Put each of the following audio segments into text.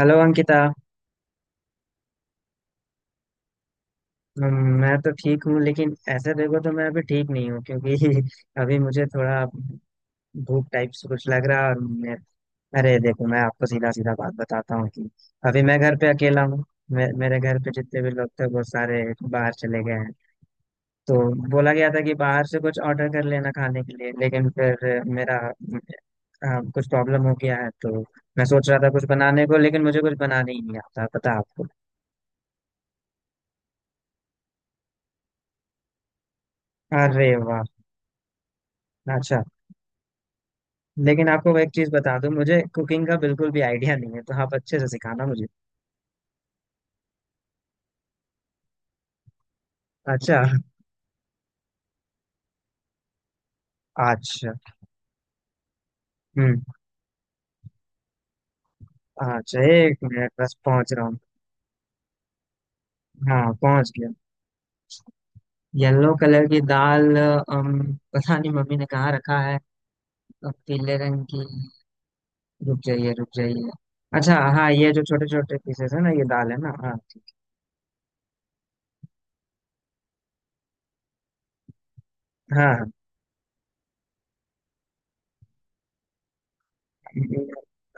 Hello Ankita. मैं तो ठीक हूँ, लेकिन ऐसे देखो तो मैं अभी ठीक नहीं हूँ क्योंकि अभी मुझे थोड़ा भूख टाइप से कुछ लग रहा है। और मैं, अरे देखो, मैं आपको सीधा सीधा बात बताता हूँ कि अभी मैं घर पे अकेला हूँ। मेरे घर पे जितने भी लोग थे वो सारे बाहर चले गए हैं, तो बोला गया था कि बाहर से कुछ ऑर्डर कर लेना खाने के लिए, लेकिन फिर मेरा कुछ प्रॉब्लम हो गया है। तो मैं सोच रहा था कुछ बनाने को, लेकिन मुझे कुछ बनाने ही नहीं आता, पता है आपको। अरे वाह। अच्छा, लेकिन आपको मैं एक चीज बता दूं, मुझे कुकिंग का बिल्कुल भी आइडिया नहीं है, तो आप अच्छे से सिखाना मुझे। अच्छा अच्छा। हम्म। अच्छा एक मिनट, बस पहुंच रहा हूँ। हाँ पहुंच गया। येलो कलर की दाल पता नहीं मम्मी ने कहाँ रखा है। पीले रंग की। रुक जाइए रुक जाइए। अच्छा हाँ, ये जो छोटे छोटे पीसेस है ना, ये दाल है ना, हाँ ठीक। हाँ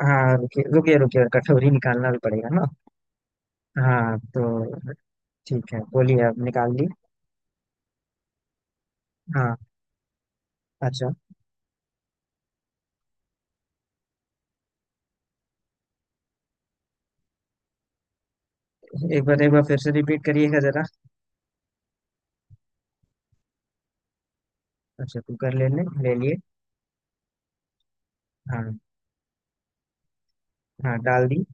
हाँ हाँ, रुकिए रुकिए रुकिए, कटोरी निकालना भी पड़ेगा ना। हाँ तो ठीक है, बोलिए, अब निकाल ली। हाँ। अच्छा एक बार फिर से रिपीट करिएगा जरा। अच्छा कुकर ले लें, ले लिए। हाँ हाँ डाल दी।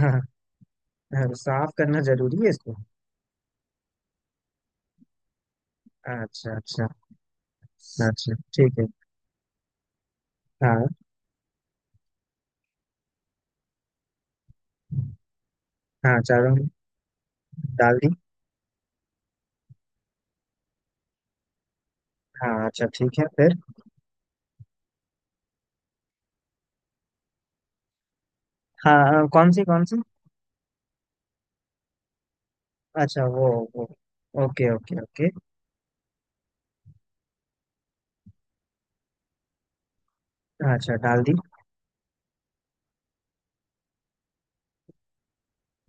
हाँ हाँ, साफ करना जरूरी है इसको। अच्छा अच्छा। अच्छा ठीक है। हाँ हाँ चारों। डाल दी। हाँ अच्छा ठीक है फिर। हाँ हाँ, कौन सी कौन सी। अच्छा वो, वो ओके ओके ओके। अच्छा डाल दी।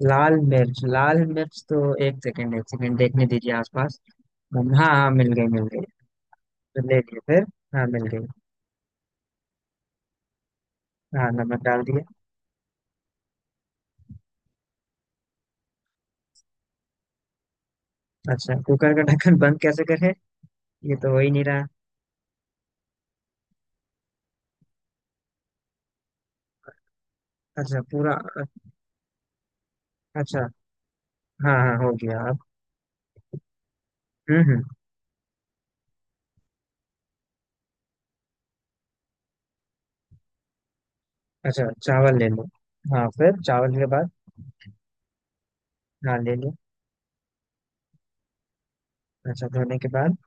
लाल मिर्च, लाल मिर्च तो। एक सेकेंड देखने दीजिए आसपास। हाँ। हाँ मिल गई मिल गई। ले लिए फिर। हाँ मिल गई। हाँ नमक डाल दिया। अच्छा कुकर का ढक्कन बंद कैसे करें? ये तो हो ही नहीं रहा। अच्छा पूरा। अच्छा हाँ हाँ हो गया अब। हम्म। अच्छा चावल ले लो। हाँ फिर चावल के बाद। हाँ ले लो। अच्छा धोने के बाद।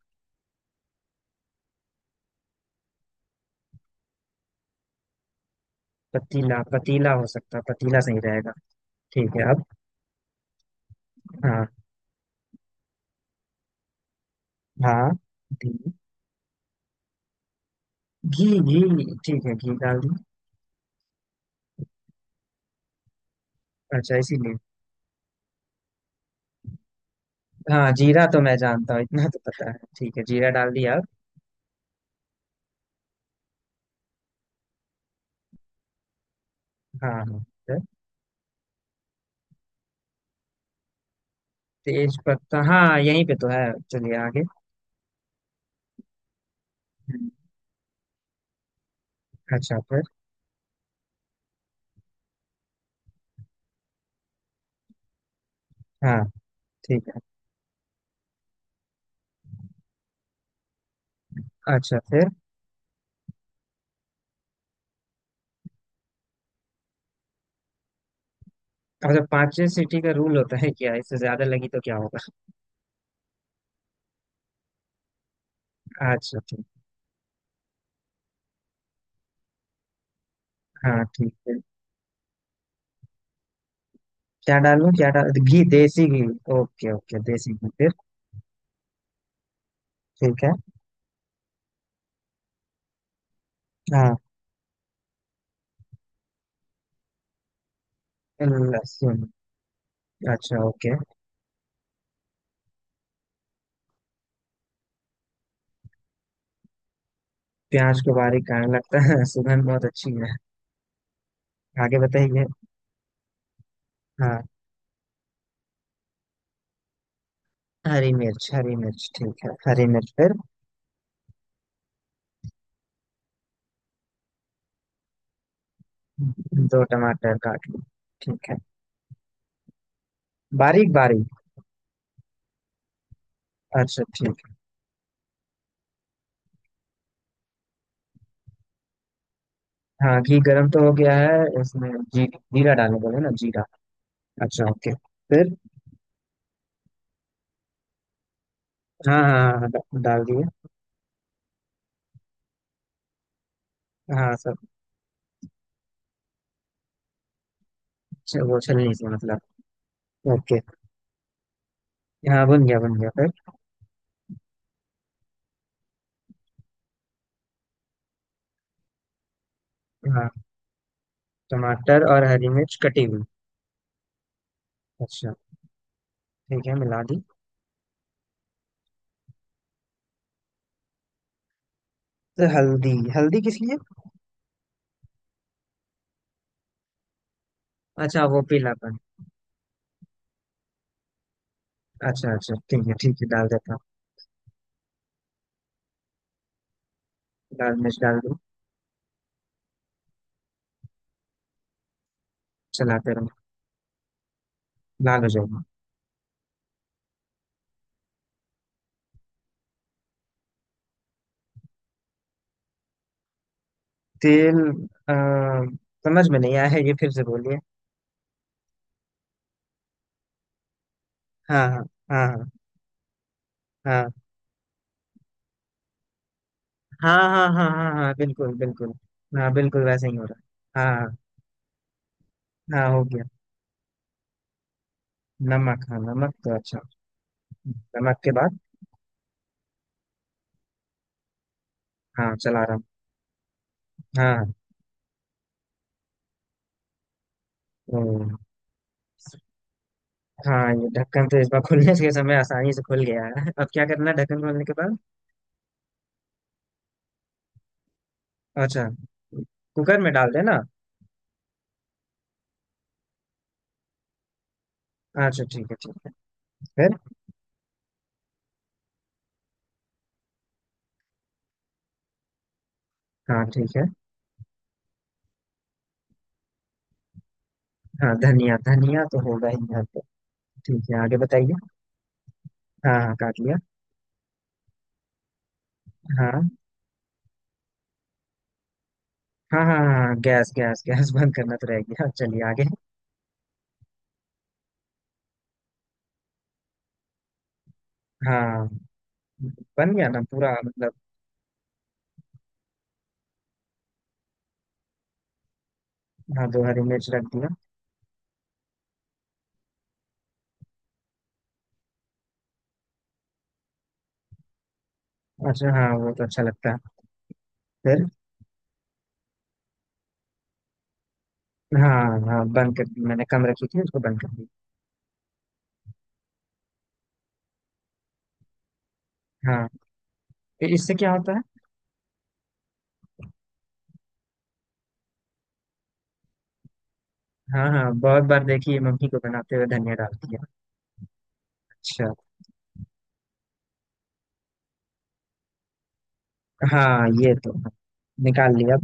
पतीला पतीला हो सकता है, पतीला सही रहेगा। ठीक है अब। हाँ। हाँ घी घी घी, ठीक है घी डाल दी। अच्छा इसीलिए। हाँ जीरा तो मैं जानता हूँ, इतना तो पता है, ठीक है जीरा डाल दिया अब। हाँ हाँ फिर। तेज पत्ता हाँ यहीं पे तो है, चलिए आगे। हम्म। अच्छा फिर। हाँ ठीक है। अच्छा फिर। अच्छा पांचवें सीटी का रूल होता है क्या? इससे ज्यादा लगी तो क्या होगा? अच्छा ठीक। हाँ ठीक है। क्या डालूं? क्या डाल, घी, देसी घी। ओके ओके देसी घी फिर। ठीक है। हाँ लहसुन। अच्छा ओके। प्याज को बारीक काटने लगता है सुगंध बहुत अच्छी है। आगे बताइए। हाँ। हरी मिर्च, हरी मिर्च ठीक है, हरी मिर्च फिर। दो टमाटर काट लो, ठीक है, बारीक बारीक। अच्छा ठीक। हाँ घी गर्म तो हो गया है इसमें जी। जीरा डालने बोले ना, जीरा। अच्छा ओके फिर। हाँ हाँ हाँ, डाल दिया। हाँ सब। वो छलनी से मतलब। ओके। हाँ बन गया फिर। हाँ टमाटर और हरी मिर्च कटी हुई। अच्छा ठीक है मिला दी। तो हल्दी, हल्दी किस लिए? अच्छा वो पीलापन। अच्छा अच्छा ठीक है, ठीक है डाल देता हूँ। लाल मिर्च डाल दूँ। चलाते रहो। लाल हो जाएगी। तेल। आ, समझ में नहीं आया है ये, फिर से बोलिए। हाँ हाँ हाँ हाँ हाँ हाँ हाँ हाँ हाँ हाँ, बिल्कुल बिल्कुल। हाँ बिल्कुल वैसे ही हो रहा है हाँ। हाँ हाँ, हो गया। नमक, हाँ नमक तो अच्छा। नमक के बाद। हाँ चला रहा हूँ। हाँ। हम्म। हाँ ये ढक्कन तो इस बार खुलने के समय आसानी से खुल गया है, अब क्या करना है ढक्कन खोलने के बाद? अच्छा कुकर में डाल देना। अच्छा ठीक है, ठीक है फिर। हाँ ठीक है। हाँ धनिया, धनिया तो होगा ही घर पे। ठीक है आगे बताइए। हाँ हाँ काट लिया। हाँ हाँ हाँ हाँ हाँ, गैस गैस गैस बंद करना तो रह गया, चलिए आगे। हाँ बन गया ना पूरा मतलब। हाँ दो हरी मिर्च रख दिया। अच्छा हाँ वो तो अच्छा लगता है, फिर। हाँ हाँ बंद कर दी, मैंने कम रखी थी उसको बंद कर दिया। हाँ तो इससे क्या होता है? हाँ हाँ बहुत बार देखिए मम्मी को बनाते हुए धनिया डालती है। अच्छा। हाँ ये तो है। निकाल लिया।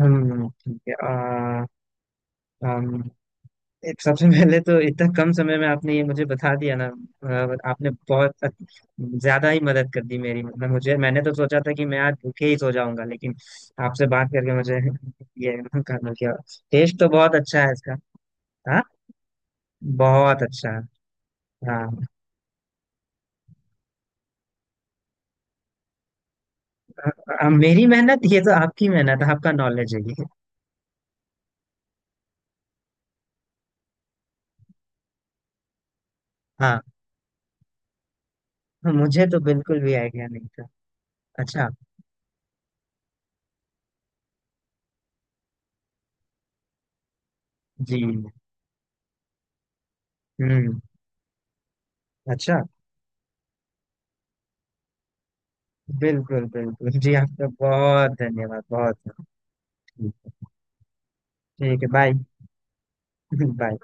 ठीक है। हम, एक, सबसे पहले तो इतना कम समय में आपने ये मुझे बता दिया ना, आपने बहुत ज्यादा ही मदद कर दी मेरी, मतलब मुझे, मैंने तो सोचा था कि मैं आज भूखे ही सो जाऊंगा, लेकिन आपसे बात करके मुझे ये, करना क्या। टेस्ट तो बहुत अच्छा है इसका। हाँ बहुत अच्छा है। हाँ मेरी मेहनत, ये तो आपकी मेहनत, आपका नॉलेज है ये। हाँ मुझे तो बिल्कुल भी आइडिया नहीं था। अच्छा। जी। हम्म। अच्छा। बिल्कुल बिल्कुल जी, आपका बहुत धन्यवाद, बहुत बहुत। ठीक, ठीक है, बाय बाय।